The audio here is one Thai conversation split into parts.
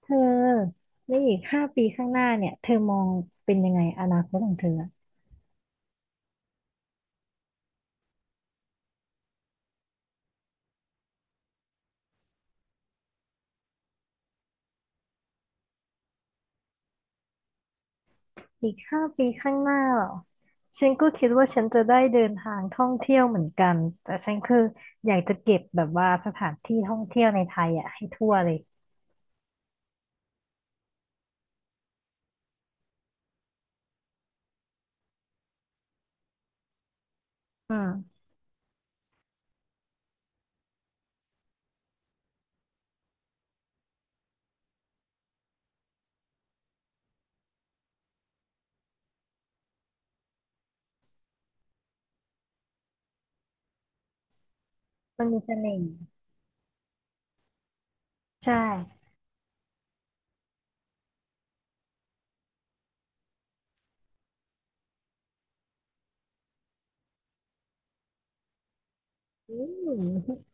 เธอในอีก5 ปี ข้างหน้าเนี่ย เธอมองเป็นยังไงอนาคตของเธออะอีกห้าปี ข้างหน้าเหรอฉันก็คิดว่าฉันจะได้เดินทางท่องเที่ยวเหมือนกันแต่ฉันคืออยากจะเก็บแบบว่าสถานที่ท่องเที่ยวในไทยอ่ะให้ทั่วเลยอืมมันมีเสน่ห์ใช่อืม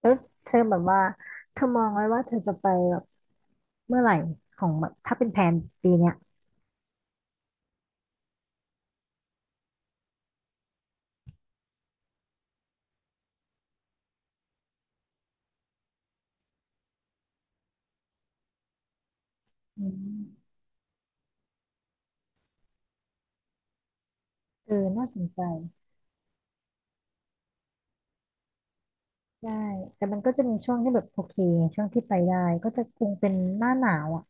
แล้วเธอแบบว่าเธอมองไว้ว่าเธอจะไปแบบเมื่อไหร่ของแบบถ้าเป็นแผนปีเนี้ยอืมเออน่าสนใจ ได้แต่มันก็จะมีช่วงที่แบบโอเคช่วงที่ไปได้ก็จะคงเป็นหน้าหนาวอ่ะ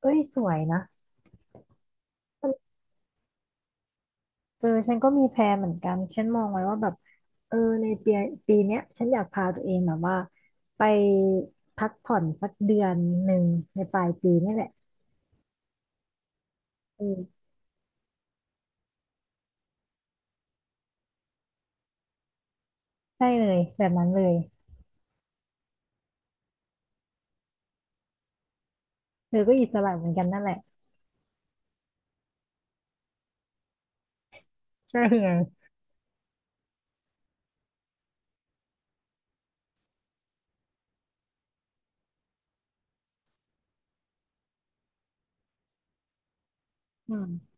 เอ้ยสวยนะเออฉันก็มีแพลนเหมือนกันฉันมองไว้ว่าแบบเออในปีเนี้ยฉันอยากพาตัวเองแบบว่าไปพักผ่อนสักเดือนหนึ่งในปลายปีนี่แหละเออใช่เลยแบบนั้นเลยเธอก็อิสระเหมือนกันนั่นแหละใช่ไงอืม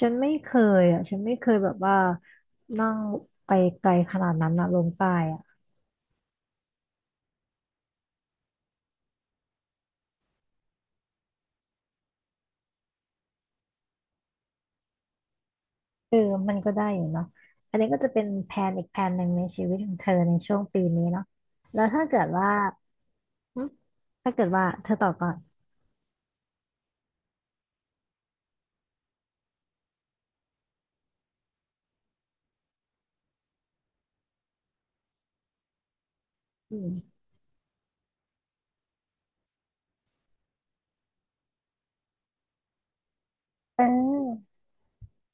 ฉันไม่เคยอ่ะฉันไม่เคยแบบว่านั่งไปไกลขนาดนั้นนะลงใต้อะ เออมันก็ได้อยู่เนาะอันนี้ก็จะเป็นแผนอีกแผนหนึ่งในชีวิตของเธอในช่วงปีนี้เนาะแล้วถ้าเกิดว่าหึถ้าเกิดว่าเธอตอบก่อนอืมเออ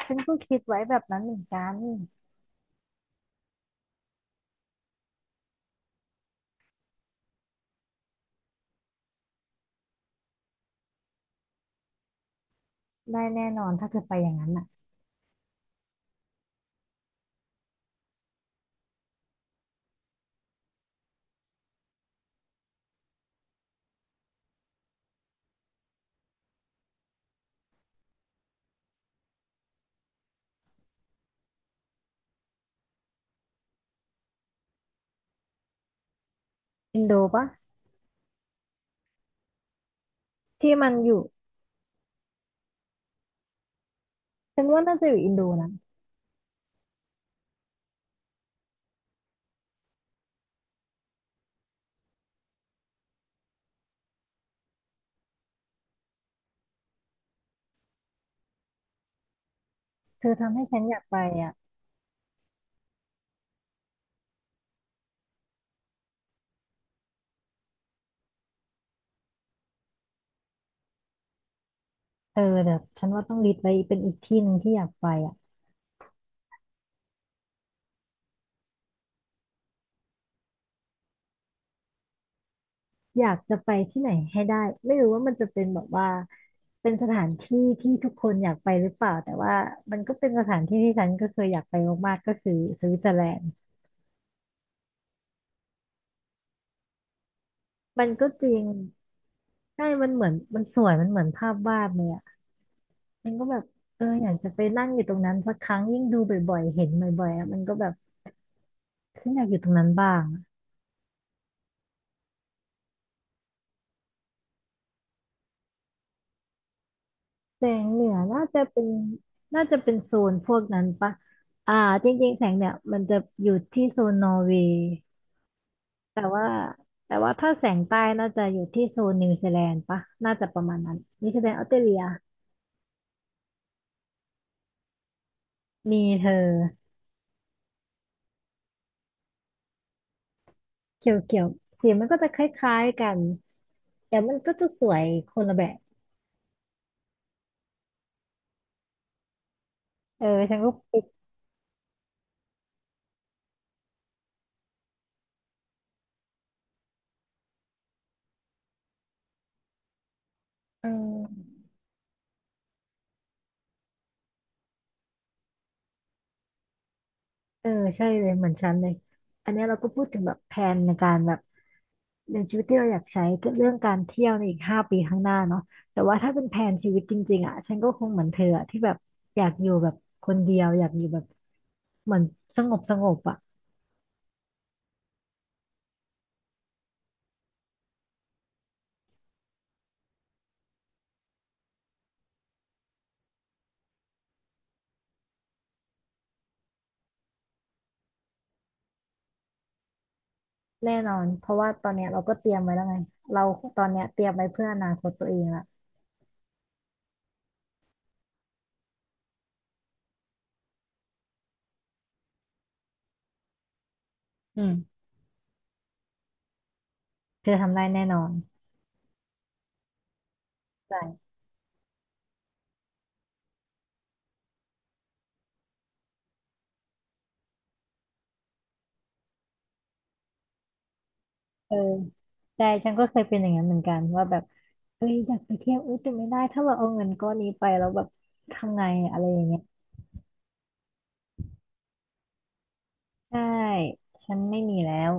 ฉันก็คิดไว้แบบนั้นเหมือนกันได้แน่นอนถ้าเธอไปอย่างนั้นอ่ะอินโดปะที่มันอยู่ฉันว่าน่าจะอยู่อินโดนะเธอทำให้ฉันอยากไปอ่ะเออเดี๋ยวฉันว่าต้องลิสต์ไว้เป็นอีกที่หนึ่งที่อยากไปอ่ะ อยากจะไปที่ไหนให้ได้ไม่รู้ว่ามันจะเป็นแบบว่าเป็นสถานที่ที่ทุกคนอยากไปหรือเปล่าแต่ว่ามันก็เป็นสถานที่ที่ฉันก็เคยอยากไปมากๆก็คือสวิตเซอร์แลนด์มันก็จริงใช่มันเหมือนมันสวยมันเหมือนภาพวาดเลยอ่ะมันก็แบบเอออยากจะไปนั่งอยู่ตรงนั้นสักครั้งยิ่งดูบ่อยๆเห็นบ่อยๆอ่ะมันก็แบบฉันอยากอยู่ตรงนั้นบ้างแสงเหนือน่าจะเป็นน่าจะเป็นโซนพวกนั้นปะอ่าจริงๆแสงเนี่ยมันจะอยู่ที่โซนนอร์เวย์ แต่ว่าแต่ว่าถ้าแสงใต้น่าจะอยู่ที่โซนนิวซีแลนด์ปะน่าจะประมาณนั้นนิวซีแลนด์ออสเตรเลียมีเธอเขียวเขียวสีมันก็จะคล้ายๆกันแต่มันก็จะสวยคนละแบบเออฉันก็ไปเออเออใช่เลยเหมือนฉันเลยอันเนี้ยเราก็พูดถึงแบบแผนในการแบบเรื่ชีวิตที่เราอยากใช้ก็เรื่องการเที่ยวในอีก5 ปีข้างหน้าเนาะแต่ว่าถ้าเป็นแผนชีวิตจริงๆอ่ะฉันก็คงเหมือนเธออะที่แบบอยากอยู่แบบคนเดียวอยากอยู่แบบเหมือนสงบสงบอ่ะ แน่นอนเพราะว่าตอนเนี้ยเราก็เตรียมไว้แล้วไงเราตอนเนี้ยเตรียมไว้เพื่ออนาคตตัวเองละอืมเธอทำได้แน่นอนใช่เออใช่ฉันก็เคยเป็นอย่างนั้นเหมือนกันว่าแบบเอ้ยอยากไปเที่ยวอุ้ยแต่ไม่ได้ถ้าเราเอาเงินก้อนนี้ไปแล้วแบบทำไงอะอะไรอย่างเงี้ยใช่ฉันไม่มีแล้ว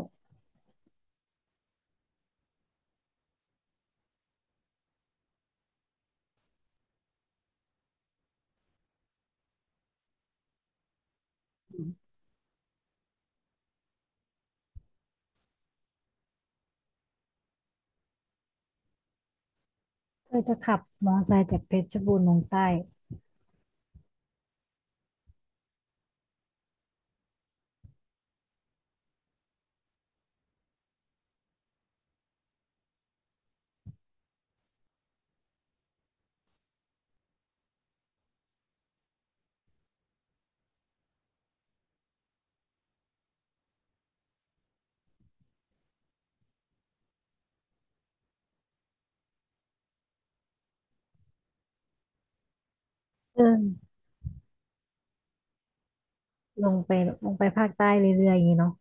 อืมเธอจะขับมอเตอร์ไซค์จากเพชรบูรณ์ลงใต้เออลงไปลงไปภาคใต้เรื่อยๆอย่างงี้เนาะ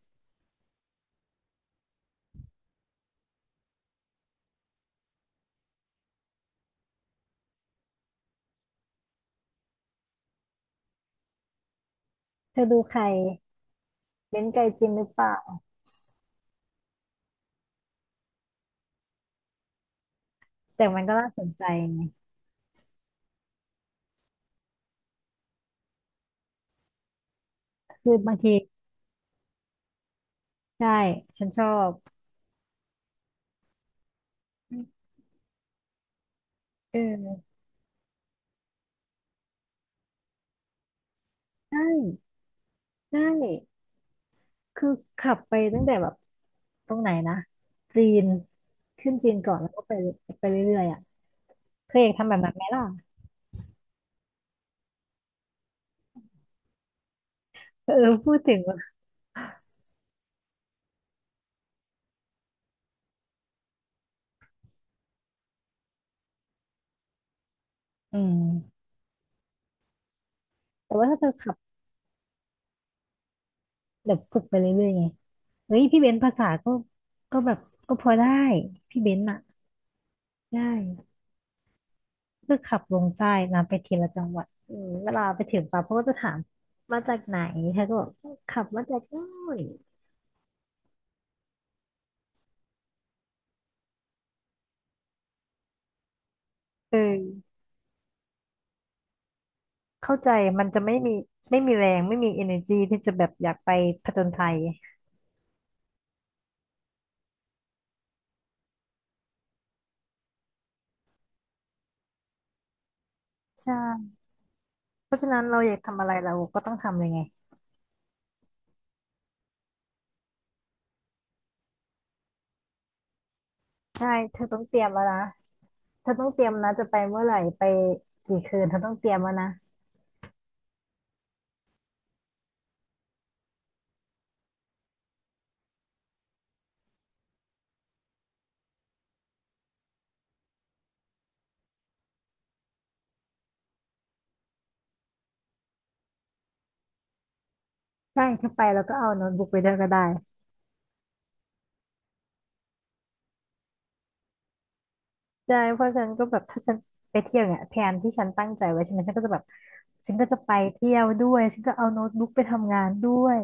เธอดูใครเบ้นไกจินหรือเปล่าแต่มันก็น่าสนใจไงคือบางที ใช่ฉันชอบเออใช่ใช่คือขับไปตั้งแต่แบบตรงไหนนะจีนขึ้นจีนก่อนแล้วก็ไปไปเรื่อยๆอ่ะเธออยากทำแบบนั้นไหมล่ะเออพูดถึงว่าอืมแต่ว่าถ้าเธอขับแบบฝึกไปเรื่อยๆไงเฮ้ยพี่เบนซ์ภาษาก็ก็แบบก็พอได้พี่เบนซ์อ่ะได้ก็ขับลงใต้นะไปทีละจังหวัดอืมเวลาไปถึงปั๊บเขาก็จะถามมาจากไหนเธอก็บอกขับมาจากนู่นเออ เข้าใจมันจะไม่มีไม่มีแรงไม่มี energy ที่จะแบบอยากไปผจญภัยใช่เพราะฉะนั้นเราอยากทำอะไรเราก็ต้องทำเลยไงใช่เธอต้องเตรียมแล้วนะเธอต้องเตรียมนะจะไปเมื่อไหร่ไปกี่คืนเธอต้องเตรียมแล้วนะใช่ถ้าไปแล้วก็เอาโน้ตบุ๊กไปด้วยก็ได้ใช่เพราะฉันก็แบบถ้าฉันไปเที่ยวเนี่ยแผนที่ฉันตั้งใจไว้ใช่ไหมฉันก็จะแบบฉันก็จะไปเที่ยวด้วยฉันก็เอาโน้ตบุ๊กไปทำงานด้วย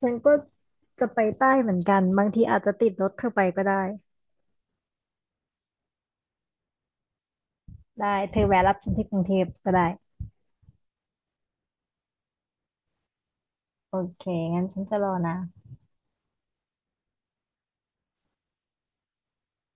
ฉันก็จะไปใต้เหมือนกันบางทีอาจจะติดรถเธอไปก็ได้ ได้เธอแวะรับฉันที่กรุงเทพก็ได้โอเคงั้นฉันจะรอนะ